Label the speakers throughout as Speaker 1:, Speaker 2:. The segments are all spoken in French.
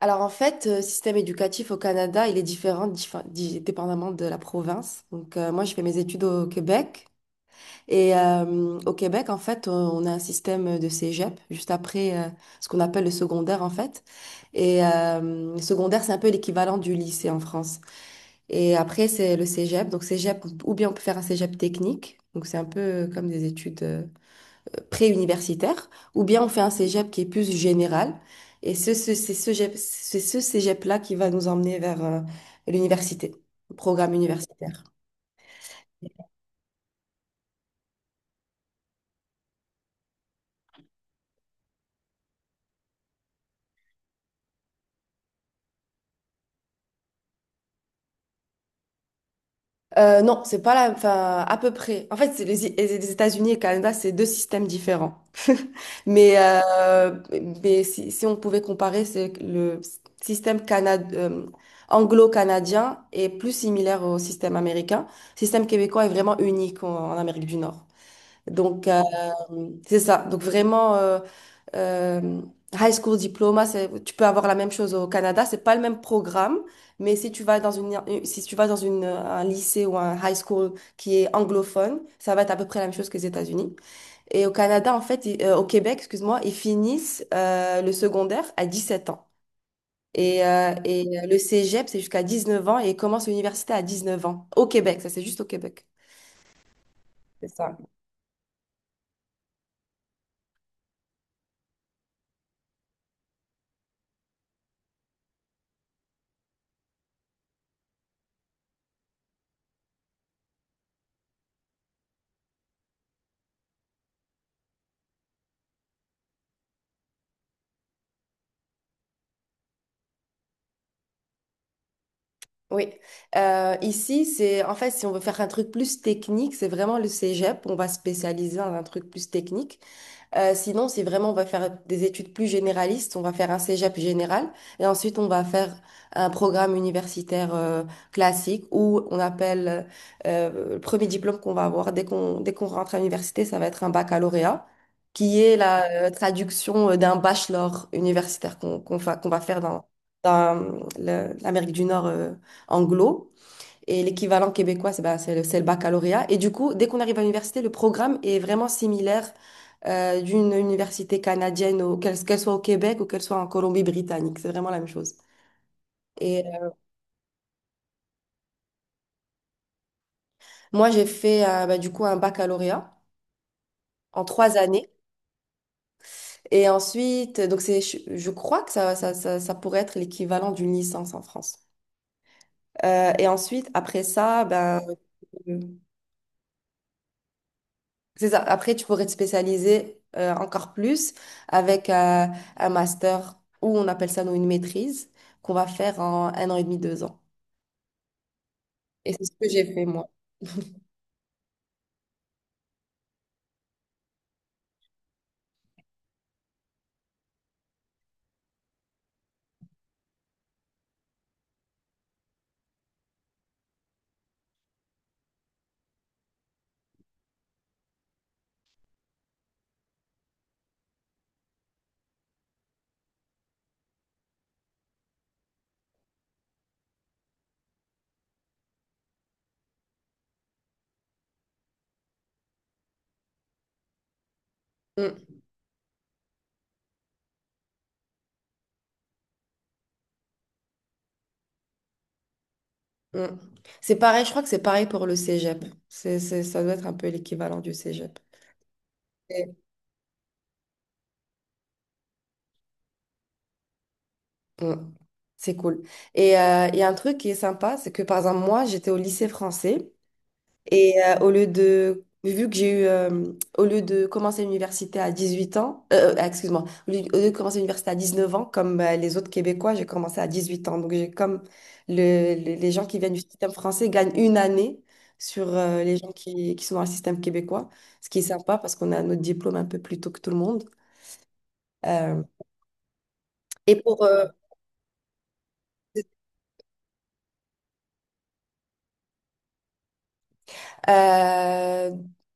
Speaker 1: Alors en fait, le système éducatif au Canada, il est différent dépendamment de la province. Donc, moi, je fais mes études au Québec. Et au Québec, en fait, on a un système de cégep juste après, ce qu'on appelle le secondaire, en fait. Et le secondaire, c'est un peu l'équivalent du lycée en France. Et après, c'est le cégep. Donc cégep, ou bien on peut faire un cégep technique. Donc c'est un peu comme des études, pré-universitaire, ou bien on fait un cégep qui est plus général. Et c'est ce cégep-là qui va nous emmener vers l'université, le programme universitaire. Non, c'est pas la, enfin, à peu près. En fait, c'est les États-Unis et le Canada, c'est deux systèmes différents. Mais, euh, mais si, on pouvait comparer, c'est que le système anglo-canadien est plus similaire au système américain. Le système québécois est vraiment unique en Amérique du Nord. Donc, c'est ça. Donc, vraiment, euh, high school diploma, tu peux avoir la même chose au Canada. C'est pas le même programme, mais si tu vas dans une, si tu vas dans une, un lycée ou un high school qui est anglophone, ça va être à peu près la même chose que les États-Unis. Et au Canada, en fait, au Québec, excuse-moi, ils finissent le secondaire à 17 ans. Et le cégep, c'est jusqu'à 19 ans et ils commencent l'université à 19 ans. Au Québec, ça c'est juste au Québec. C'est ça. Oui. Ici, c'est, en fait, si on veut faire un truc plus technique, c'est vraiment le cégep. On va spécialiser dans un truc plus technique. Sinon, si vraiment on va faire des études plus généralistes, on va faire un cégep général et ensuite on va faire un programme universitaire classique, où on appelle le premier diplôme qu'on va avoir dès qu'on rentre à l'université, ça va être un baccalauréat, qui est la traduction d'un bachelor universitaire qu'on va faire dans l'Amérique du Nord anglo. Et l'équivalent québécois, c'est, bah, c'est le baccalauréat. Et du coup, dès qu'on arrive à l'université, le programme est vraiment similaire d'une université canadienne, qu'elle soit au Québec ou qu'elle soit en Colombie-Britannique. C'est vraiment la même chose. Et moi, j'ai fait, bah, du coup, un baccalauréat en 3 années. Et ensuite, donc c'est, je crois que ça pourrait être l'équivalent d'une licence en France. Et ensuite, après ça, ben, c'est ça. Après, tu pourrais te spécialiser encore plus avec un master, ou on appelle ça nous une maîtrise, qu'on va faire en un an et demi, 2 ans. Et c'est ce que j'ai fait, moi. Mm, mm. C'est pareil, je crois que c'est pareil pour le cégep. Ça doit être un peu l'équivalent du cégep. Et- Mm. C'est cool. Et il y a un truc qui est sympa, c'est que, par exemple, moi, j'étais au lycée français. Et vu que j'ai eu, au lieu de commencer l'université à 18 ans, excuse-moi, au lieu de commencer l'université à 19 ans, comme les autres Québécois, j'ai commencé à 18 ans. Donc, j'ai comme les gens qui viennent du système français gagnent une année sur les gens qui sont dans le système québécois, ce qui est sympa parce qu'on a notre diplôme un peu plus tôt que tout le monde. Euh, et euh,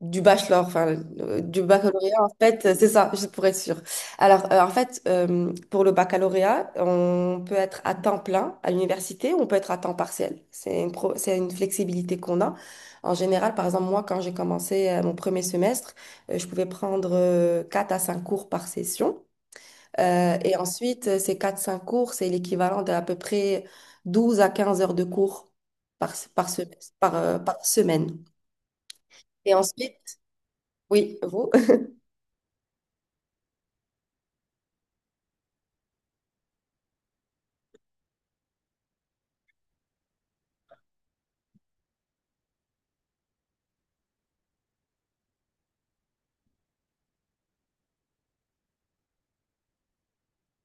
Speaker 1: du bachelor, enfin, du baccalauréat, en fait, c'est ça, juste pour être sûre. Alors, en fait, pour le baccalauréat, on peut être à temps plein à l'université ou on peut être à temps partiel. C'est une flexibilité qu'on a. En général, par exemple, moi, quand j'ai commencé, mon premier semestre, je pouvais prendre 4 à 5 cours par session. Et ensuite, ces quatre cinq cours, c'est l'équivalent d'à peu près 12 à 15 heures de cours par semaine. Et ensuite, oui, vous.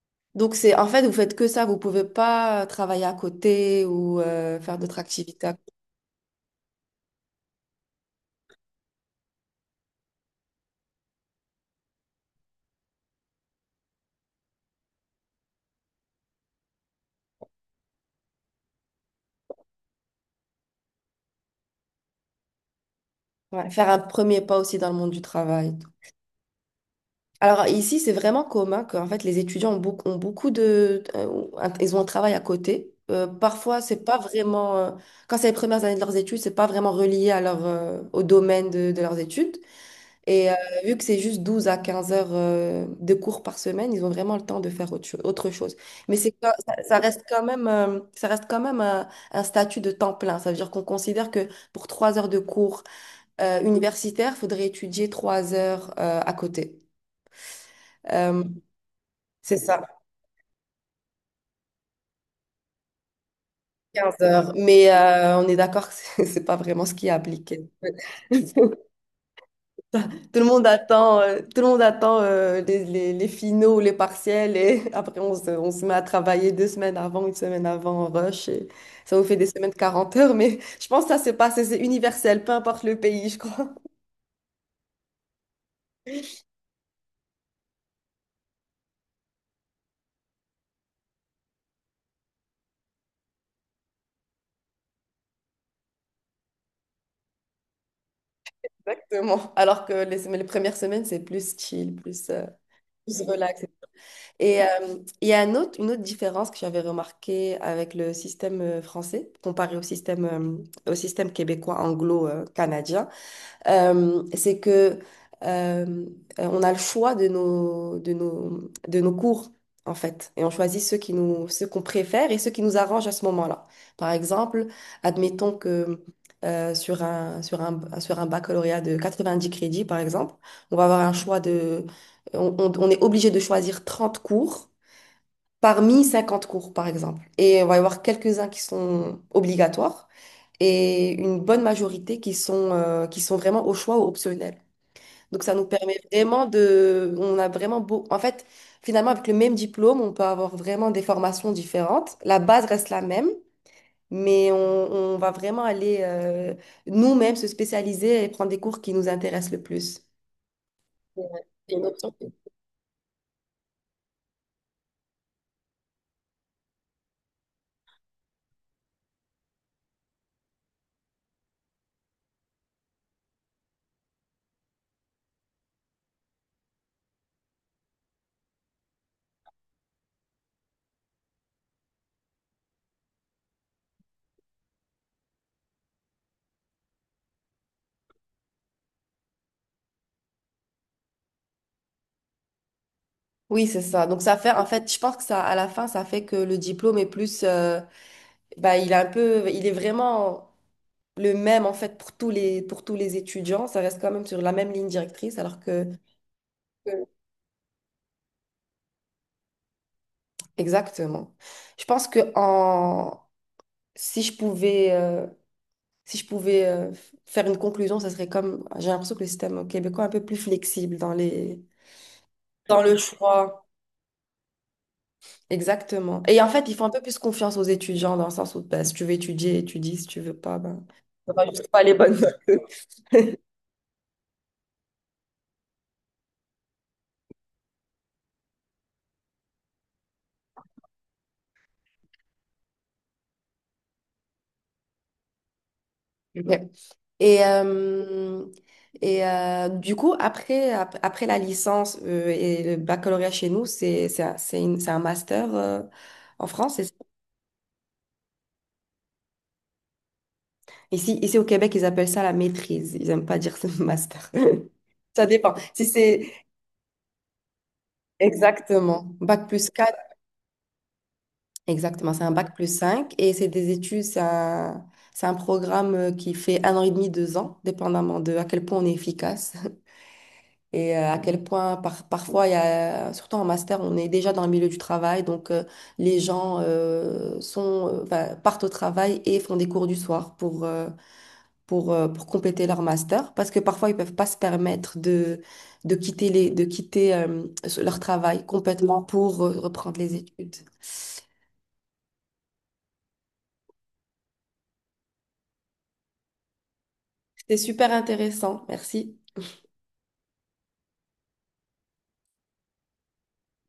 Speaker 1: Donc, c'est, en fait, vous faites que ça. Vous pouvez pas travailler à côté ou faire d'autres activités à côté. Ouais, faire un premier pas aussi dans le monde du travail, et tout. Alors, ici, c'est vraiment commun que, en fait, les étudiants ont beaucoup de, ils ont un travail à côté. Parfois, c'est pas vraiment, quand c'est les premières années de leurs études, c'est pas vraiment relié à au domaine de leurs études. Et vu que c'est juste 12 à 15 heures de cours par semaine, ils ont vraiment le temps de faire autre chose. Ça reste quand même, un statut de temps plein. Ça veut dire qu'on considère que pour 3 heures de cours universitaires, il faudrait étudier 3 heures à côté. Euh, c'est ça, 15 heures. Mais on est d'accord que c'est c'est pas vraiment ce qui est appliqué. Tout le monde attend les finaux, les partiels. Et après on se met à travailler 2 semaines avant, une semaine avant, en rush, et ça vous fait des semaines de 40 heures, mais je pense que ça c'est pas, c'est universel, peu importe le pays, je crois. Exactement. Alors que les premières semaines, c'est plus chill, plus, plus relax. Et il y a une autre différence que j'avais remarquée avec le système français, comparé au au système québécois anglo-canadien. C'est que euh, on a le choix de de nos cours, en fait. Et on choisit ceux qu'on préfère et ceux qui nous arrangent à ce moment-là. Par exemple, admettons que, sur un baccalauréat de 90 crédits, par exemple, on va avoir un choix de... On est obligé de choisir 30 cours parmi 50 cours, par exemple. Et on va y avoir quelques-uns qui sont obligatoires, et une bonne majorité qui sont vraiment au choix ou optionnels. Donc ça nous permet vraiment de... On a vraiment beau... En fait, finalement, avec le même diplôme, on peut avoir vraiment des formations différentes. La base reste la même, mais on va vraiment aller nous-mêmes se spécialiser et prendre des cours qui nous intéressent le plus. Ouais. Et une option. Oui, c'est ça. Donc ça fait, en fait, je pense que ça, à la fin, ça fait que le diplôme est plus, bah, il est vraiment le même, en fait, pour pour tous les étudiants. Ça reste quand même sur la même ligne directrice, alors que... Euh, exactement. Je pense que si je pouvais, euh, si je pouvais faire une conclusion, ça serait comme, j'ai l'impression que le système québécois est un peu plus flexible dans dans le choix. Exactement. Et en fait, ils font un peu plus confiance aux étudiants, dans le sens où, bah, si tu veux étudier, étudie. Si tu veux pas, ben, t'auras juste pas les bonnes notes. Ouais. Et, euh, du coup, après, après la licence et le baccalauréat chez nous, c'est un master en France, c'est ça. Ici au Québec, ils appellent ça la maîtrise. Ils n'aiment pas dire ce master. Ça dépend. Si c'est... Exactement, bac plus quatre. Exactement, c'est un bac plus cinq, et c'est des études, c'est c'est un programme qui fait un an et demi, deux ans, dépendamment de à quel point on est efficace. Et à quel point parfois, surtout en master, on est déjà dans le milieu du travail, donc, les gens, sont, enfin, partent au travail et font des cours du soir pour, pour compléter leur master, parce que parfois, ils peuvent pas se permettre de, de quitter leur travail complètement pour reprendre les études. C'était super intéressant, merci.